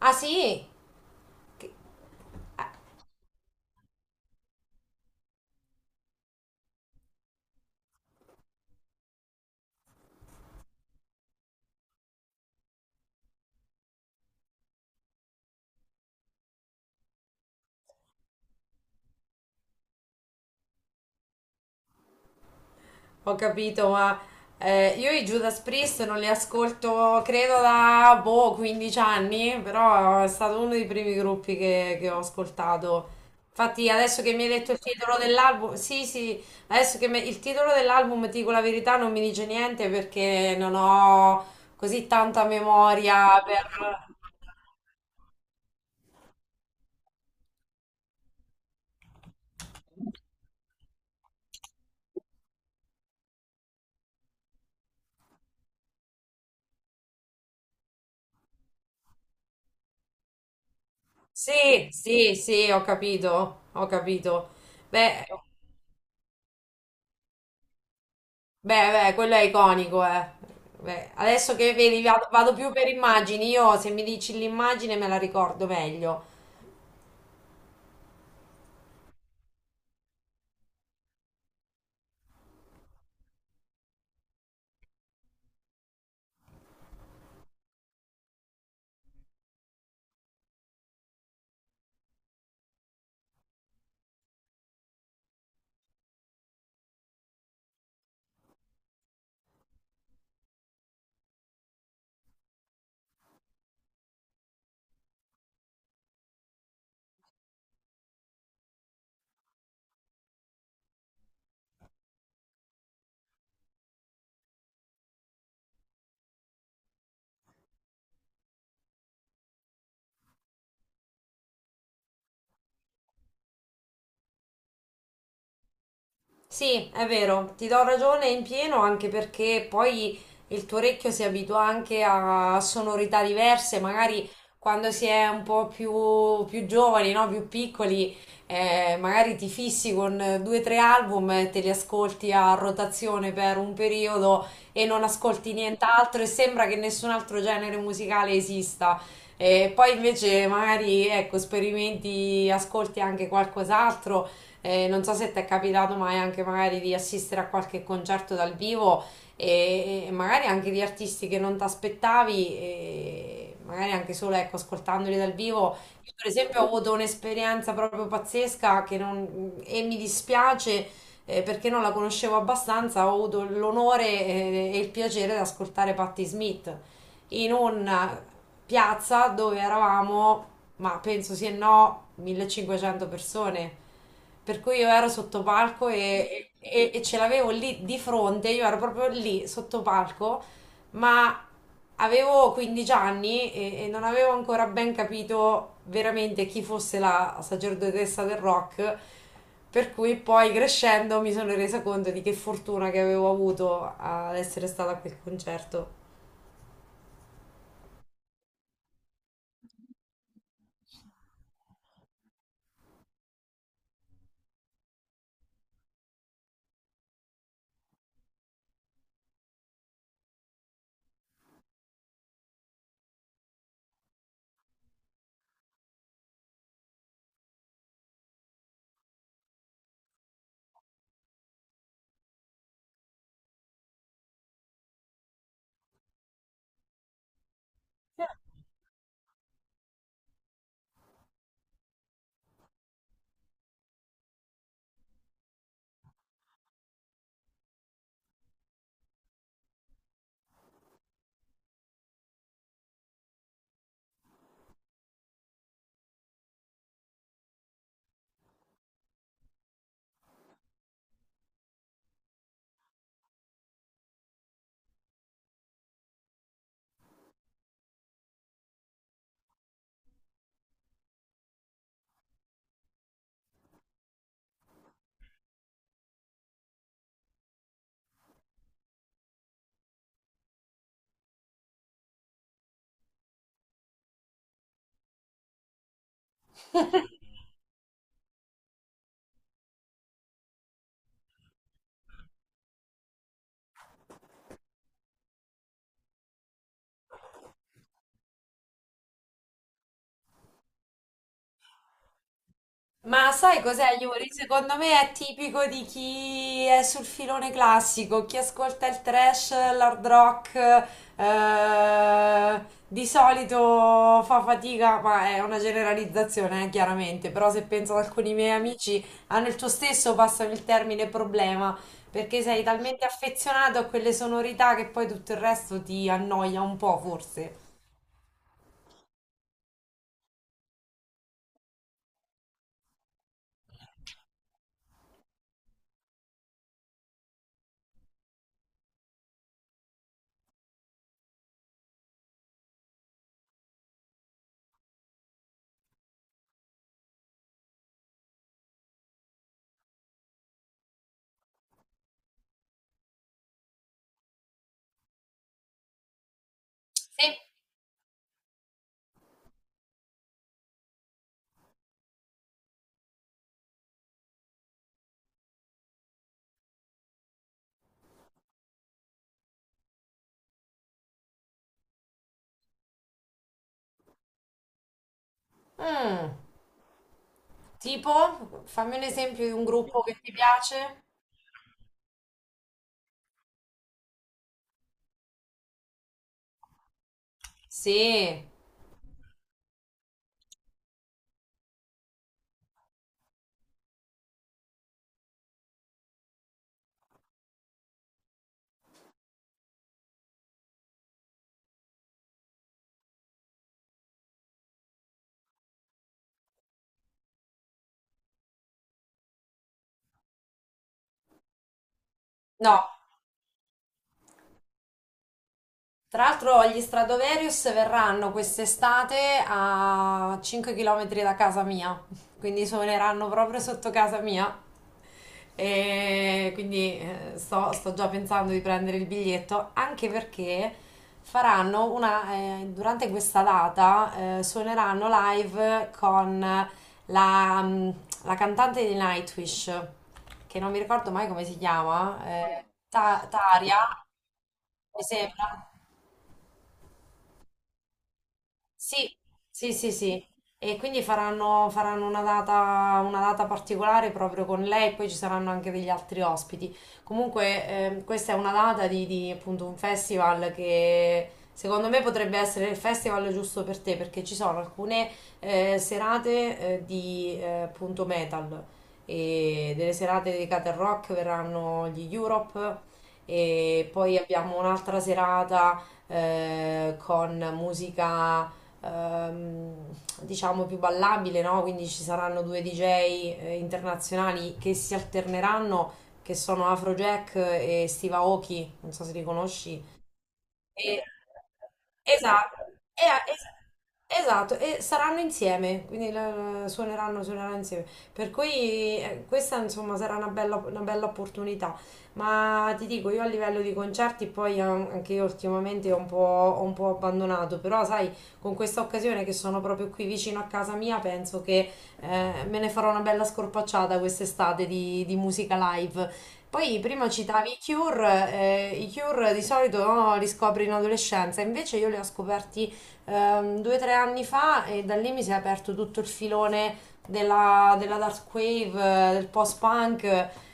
Ah sì, ho capito, ma io i Judas Priest non li ascolto credo da boh, 15 anni, però è stato uno dei primi gruppi che ho ascoltato. Infatti adesso che mi hai detto il titolo dell'album, sì sì, adesso che il titolo dell'album, ti dico la verità, non mi dice niente perché non ho così tanta memoria per... Sì, sì, sì, ho capito, ho capito. Beh... Beh, beh, quello è iconico, eh. Beh, adesso che vedi, vado più per immagini. Io, se mi dici l'immagine, me la ricordo meglio. Sì, è vero, ti do ragione in pieno anche perché poi il tuo orecchio si abitua anche a sonorità diverse, magari quando si è un po' più giovani, no? Più piccoli, magari ti fissi con 2 o 3 album e te li ascolti a rotazione per un periodo e non ascolti nient'altro e sembra che nessun altro genere musicale esista. E poi invece magari, ecco, sperimenti, ascolti anche qualcos'altro non so se ti è capitato mai anche magari di assistere a qualche concerto dal vivo e magari anche di artisti che non ti aspettavi, e magari anche solo ecco, ascoltandoli dal vivo. Io per esempio ho avuto un'esperienza proprio pazzesca che e mi dispiace perché non la conoscevo abbastanza, ho avuto l'onore e il piacere di ascoltare Patti Smith in un piazza dove eravamo, ma penso sì e no, 1500 persone. Per cui io ero sotto palco e ce l'avevo lì di fronte, io ero proprio lì sotto palco, ma avevo 15 anni e non avevo ancora ben capito veramente chi fosse la sacerdotessa del rock. Per cui poi crescendo mi sono resa conto di che fortuna che avevo avuto ad essere stata a quel concerto. Ma sai cos'è, Yuri? Secondo me è tipico di chi è sul filone classico, chi ascolta il trash, l'hard rock, eh, di solito fa fatica, ma è una generalizzazione, chiaramente, però se penso ad alcuni miei amici hanno il tuo stesso, passano il termine problema, perché sei talmente affezionato a quelle sonorità che poi tutto il resto ti annoia un po', forse. Sì. Mm, tipo, fammi un esempio di un gruppo che ti piace. Sì, no, tra l'altro gli Stradovarius verranno quest'estate a 5 km da casa mia, quindi suoneranno proprio sotto casa mia. E quindi sto già pensando di prendere il biglietto, anche perché faranno durante questa data suoneranno live con la, mm, la cantante di Nightwish, che non mi ricordo mai come si chiama, eh, Taria, mi sembra. Sì, sì, sì, sì. E quindi faranno una una data particolare proprio con lei, poi ci saranno anche degli altri ospiti. Comunque, questa è una data di appunto un festival che secondo me potrebbe essere il festival giusto per te, perché ci sono alcune serate di appunto metal e delle serate dedicate al rock, verranno gli Europe e poi abbiamo un'altra serata con musica ehm, diciamo più ballabile, no? Quindi ci saranno due DJ internazionali che si alterneranno, che sono Afrojack e Steve Aoki, non so se li conosci, e, esatto, esatto, e saranno insieme, suoneranno insieme. Per cui questa insomma sarà una una bella opportunità. Ma ti dico, io a livello di concerti poi anche io ultimamente ho un ho un po' abbandonato, però sai, con questa occasione che sono proprio qui vicino a casa mia, penso che me ne farò una bella scorpacciata quest'estate di musica live. Poi prima citavi i Cure di solito no, li scopri in adolescenza, invece io li ho scoperti 2 o 3 anni fa e da lì mi si è aperto tutto il filone della dark wave, del post-punk. Eh,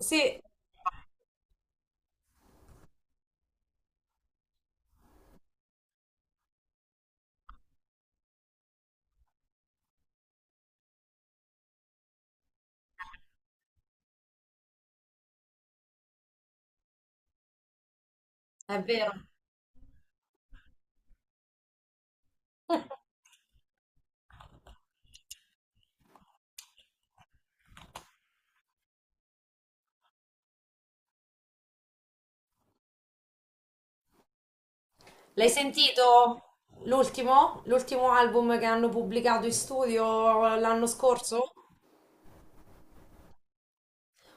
sì, è vero. L'hai sentito l'ultimo? L'ultimo album che hanno pubblicato in studio l'anno scorso?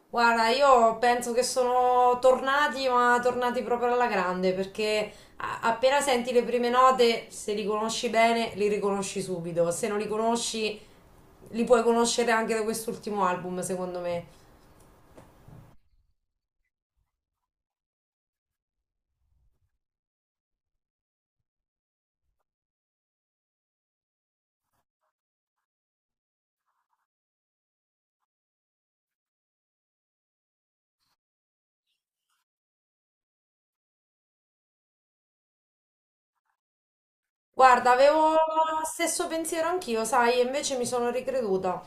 Guarda, io penso che sono tornati, ma tornati proprio alla grande, perché appena senti le prime note, se li conosci bene, li riconosci subito. Se non li conosci, li puoi conoscere anche da quest'ultimo album, secondo me. Guarda, avevo lo stesso pensiero anch'io, sai, e invece mi sono ricreduta.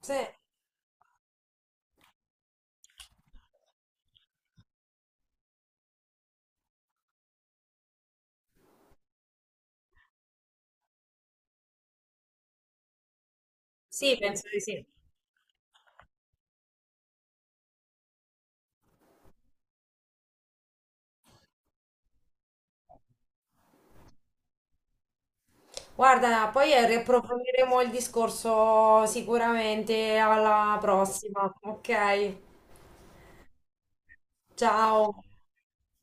Sì. Sì, penso di sì. Guarda, poi riapprofondiremo il discorso sicuramente alla prossima, ok? Ciao.